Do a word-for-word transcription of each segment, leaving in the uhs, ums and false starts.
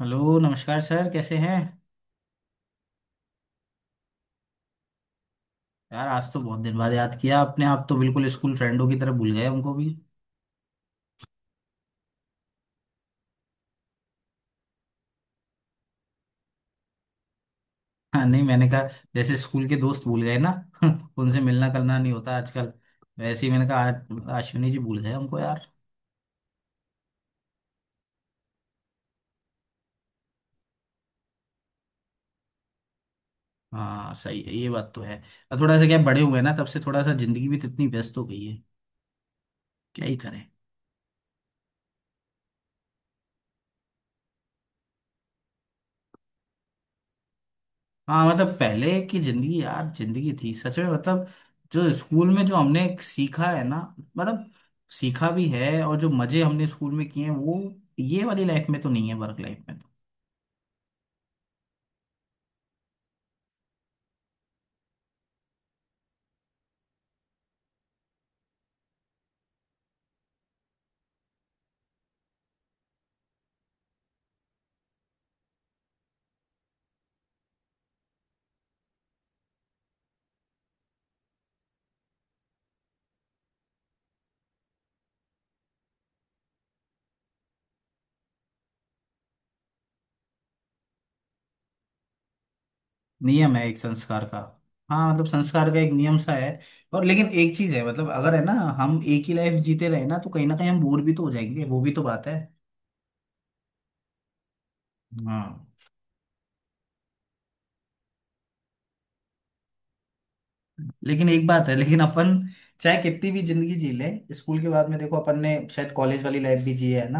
Hello नमस्कार sir, कैसे हैं? यार आज तो बहुत दिन बाद याद किया आपने। आप तो बिल्कुल स्कूल फ्रेंडों की तरह भूल गए हमको भी। हाँ, नहीं मैंने कहा जैसे स्कूल के दोस्त भूल गए ना। उनसे मिलना करना नहीं होता आजकल। वैसे ही मैंने कहा, आज अश्विनी जी भूल गए हमको यार। हाँ सही है, ये बात तो है। और थोड़ा सा क्या, बड़े हुए ना तब से, थोड़ा सा जिंदगी भी तो इतनी व्यस्त हो गई है, क्या ही करें। हाँ मतलब, पहले की जिंदगी यार, जिंदगी थी सच में। मतलब जो स्कूल में जो हमने सीखा है ना, मतलब सीखा भी है, और जो मजे हमने स्कूल में किए हैं वो ये वाली लाइफ में तो नहीं है, वर्क लाइफ में तो। नियम है एक संस्कार का। हाँ मतलब, संस्कार का एक नियम सा है। और लेकिन एक चीज है मतलब, अगर है ना, हम एक ही लाइफ जीते रहे ना, तो कहीं ना कहीं हम बोर भी तो हो जाएंगे, वो भी तो बात है। हाँ। लेकिन एक बात है, लेकिन अपन चाहे कितनी भी जिंदगी जी ले, स्कूल के बाद में देखो अपन ने शायद कॉलेज वाली लाइफ भी जी है ना।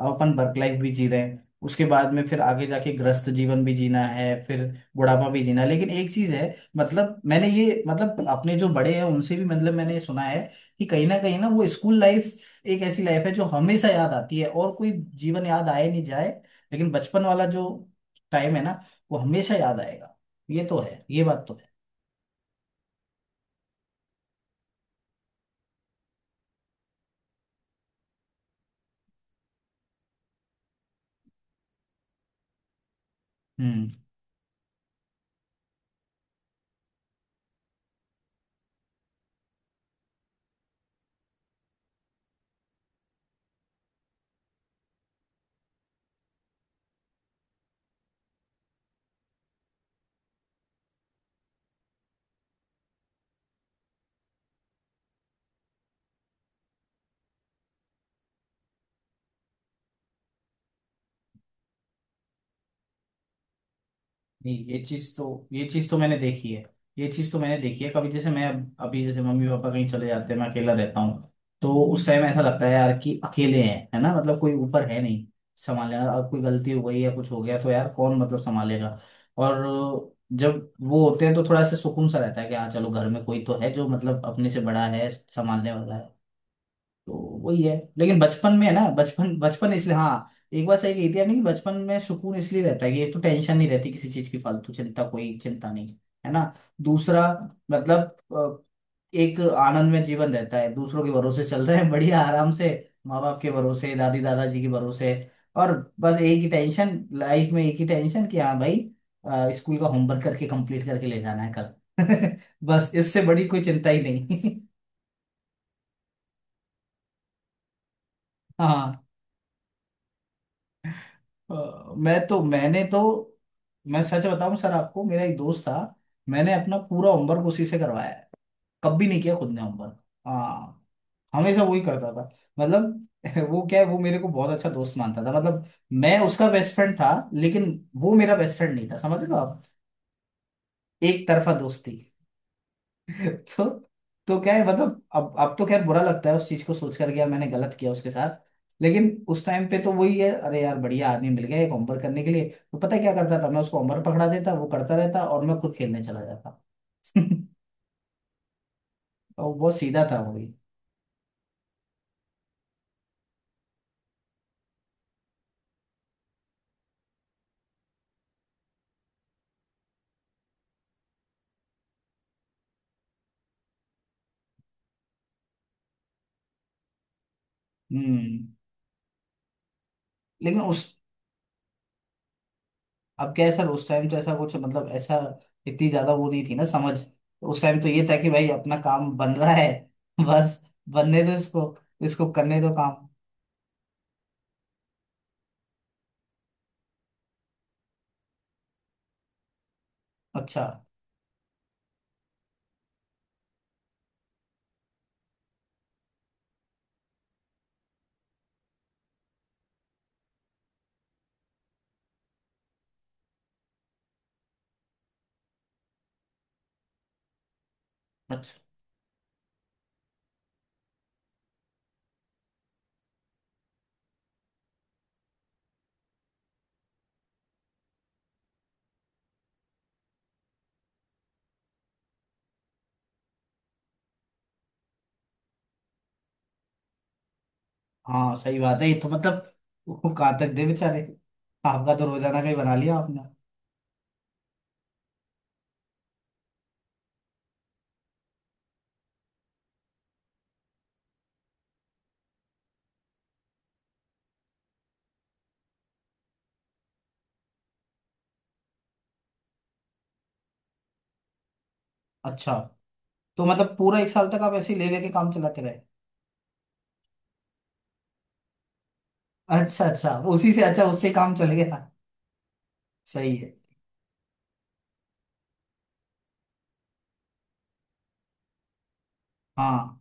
अब अपन वर्क लाइफ भी जी रहे हैं, उसके बाद में फिर आगे जाके ग्रस्त जीवन भी जीना है, फिर बुढ़ापा भी जीना है। लेकिन एक चीज है मतलब, मैंने ये मतलब अपने जो बड़े हैं उनसे भी मतलब मैंने ये सुना है कि कहीं ना कहीं ना वो स्कूल लाइफ एक ऐसी लाइफ है जो हमेशा याद आती है, और कोई जीवन याद आए नहीं जाए, लेकिन बचपन वाला जो टाइम है ना, वो हमेशा याद आएगा। ये तो है, ये बात तो है। नहीं, ये चीज तो ये चीज तो मैंने देखी है। ये चीज तो मैंने देखी है, कभी जैसे मैं अभी जैसे मम्मी पापा कहीं चले जाते हैं मैं अकेला रहता हूँ, तो उस टाइम ऐसा लगता है यार कि अकेले हैं, है ना, मतलब कोई ऊपर है नहीं संभालने वाला। अब कोई गलती हो गई या कुछ हो गया तो यार कौन मतलब संभालेगा? और जब वो होते हैं तो थोड़ा सा सुकून सा रहता है कि हाँ चलो, घर में कोई तो है जो मतलब अपने से बड़ा है, संभालने वाला है तो। वही है। लेकिन बचपन में है ना, बचपन, बचपन इसलिए। हाँ, एक बार सही कहती है आपने कि बचपन में सुकून इसलिए रहता है कि एक तो टेंशन नहीं रहती किसी चीज की, फालतू चिंता, कोई चिंता नहीं, है ना। दूसरा मतलब अ, एक आनंद में जीवन रहता है, दूसरों के भरोसे चल रहे हैं बढ़िया आराम से, माँ बाप के भरोसे, दादी दादाजी के भरोसे। और बस एक ही टेंशन लाइफ में, एक ही टेंशन कि हाँ भाई, अ, स्कूल का होमवर्क करके कंप्लीट करके ले जाना है कल। बस इससे बड़ी कोई चिंता ही नहीं। हाँ, अ, मैं तो मैंने तो मैं सच बताऊं सर आपको, मेरा एक दोस्त था। मैंने अपना पूरा होमवर्क उसी से करवाया है। कभी नहीं किया खुद ने होमवर्क। हाँ, हमेशा वही करता था मतलब। वो क्या है, वो मेरे को बहुत अच्छा दोस्त मानता था मतलब। मैं उसका बेस्ट फ्रेंड था, लेकिन वो मेरा बेस्ट फ्रेंड नहीं था, समझ लो आप। एक तरफा दोस्ती तो। तो क्या है, मतलब अब अब तो खैर बुरा लगता है उस चीज को सोच करके, यार मैंने गलत किया उसके साथ। लेकिन उस टाइम पे तो वही है, अरे यार बढ़िया आदमी मिल गया एक होमवर्क करने के लिए। तो पता है क्या करता था, मैं उसको होमवर्क पकड़ा देता, वो करता रहता और मैं खुद खेलने चला जाता। और बहुत सीधा था वो भी। हम्म। लेकिन उस अब क्या है सर, उस टाइम तो ऐसा कुछ मतलब, ऐसा इतनी ज्यादा वो नहीं थी ना, समझ। उस टाइम तो ये था कि भाई अपना काम बन रहा है। बस बनने दो इसको, इसको करने दो काम। अच्छा। हाँ सही बात है, ये तो मतलब। वो कहाँ तक दे बेचारे, आपका तो रोजाना का ही बना लिया आपने। अच्छा, तो मतलब पूरा एक साल तक आप ऐसे ही ले लेके काम चलाते रहे। अच्छा अच्छा, उसी से अच्छा उससे काम चल गया, सही है। हाँ,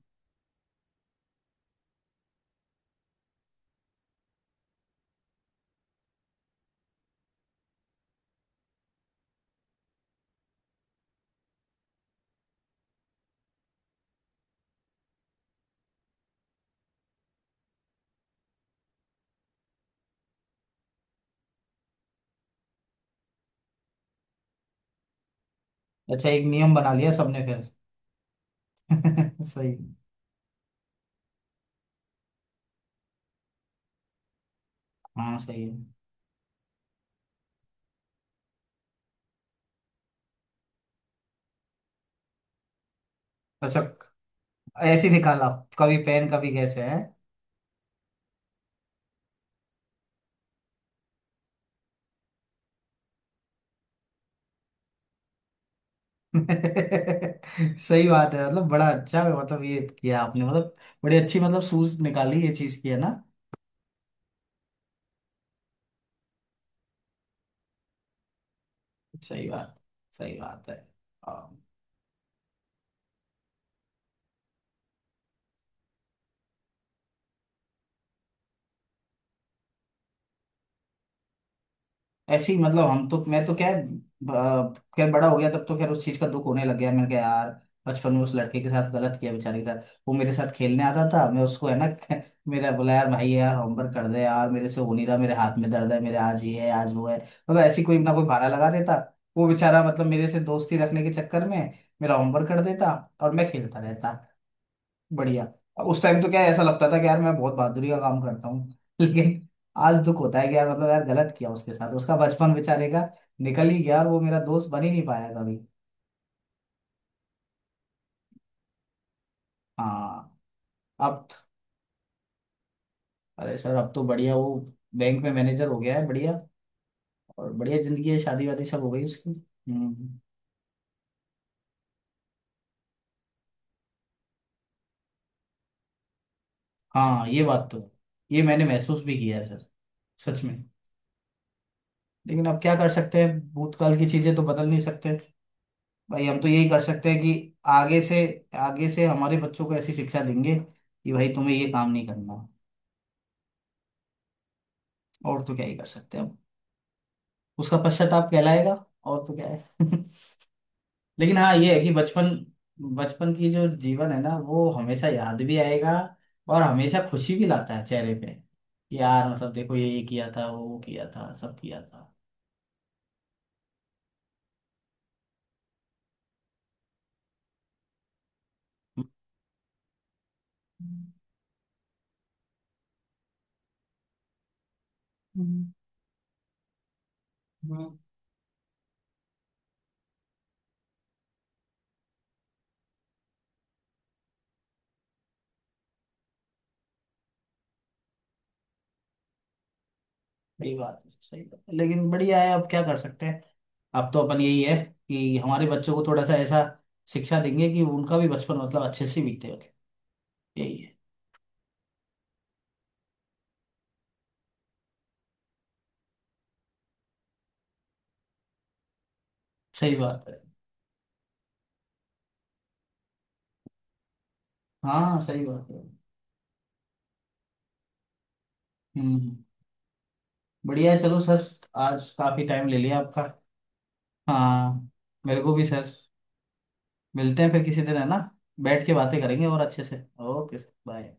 अच्छा, एक नियम बना लिया सबने फिर। सही। हाँ सही है। अच्छा, ऐसे ही निकाला, कभी पेन, कभी कैसे है। सही बात है, मतलब बड़ा अच्छा है, मतलब ये किया आपने, मतलब बड़ी अच्छी मतलब सूझ निकाली ये चीज की, है ना। सही बात, सही बात है। हाँ। ऐसे ही मतलब, हम तो मैं तो क्या है, ब- खैर बड़ा हो गया तब, तो खैर उस चीज का दुख होने लग गया। मैंने कहा यार बचपन में उस लड़के के साथ गलत किया, बेचारे के साथ। वो मेरे साथ खेलने आता था, मैं उसको, है ना। मेरा बोला यार भाई यार होमवर्क कर दे यार, मेरे से हो नहीं रहा, मेरे हाथ में दर्द है, मेरे आज ये है आज वो है, मतलब ऐसी कोई ना कोई बहाना लगा देता। वो बेचारा मतलब मेरे से दोस्ती रखने के चक्कर में मेरा होमवर्क कर देता, और मैं खेलता रहता, बढ़िया। उस टाइम तो क्या है, ऐसा लगता था कि यार मैं बहुत बहादुरी का काम करता हूँ। लेकिन आज दुख होता है कि यार मतलब, यार गलत किया उसके साथ, उसका बचपन बेचारे का निकल ही गया और वो मेरा दोस्त बन ही नहीं पाया कभी। हाँ। अब तो, अरे सर, अब तो बढ़िया, वो बैंक में मैनेजर हो गया है, बढ़िया। और बढ़िया जिंदगी है, शादी वादी सब हो गई उसकी। हम्म। हाँ ये बात तो है, ये मैंने महसूस भी किया है सर, सच में। लेकिन अब क्या कर सकते हैं, भूतकाल की चीजें तो बदल नहीं सकते। भाई हम तो यही कर सकते हैं कि आगे से, आगे से हमारे बच्चों को ऐसी शिक्षा देंगे कि भाई तुम्हें ये काम नहीं करना। और तो क्या ही कर सकते हैं हम, उसका पश्चाताप कहलाएगा, और तो क्या है। लेकिन हाँ ये है कि बचपन, बचपन की जो जीवन है ना, वो हमेशा याद भी आएगा, और हमेशा खुशी भी लाता है चेहरे पे कि यार मतलब देखो, ये ये किया था, वो वो किया था, सब किया था। हम्म, हम्म, हम्म, सही बात है, सही बात है। लेकिन बढ़िया है, अब क्या कर सकते हैं। अब तो अपन यही है कि हमारे बच्चों को थोड़ा सा ऐसा शिक्षा देंगे कि उनका भी बचपन मतलब अच्छे से बीते, मतलब यही है। सही बात है। हाँ सही बात है। हम्म, बढ़िया है चलो सर, आज काफी टाइम ले लिया आपका। हाँ, मेरे को भी सर, मिलते हैं फिर किसी दिन, है ना, बैठ के बातें करेंगे और अच्छे से। Okay sir, bye.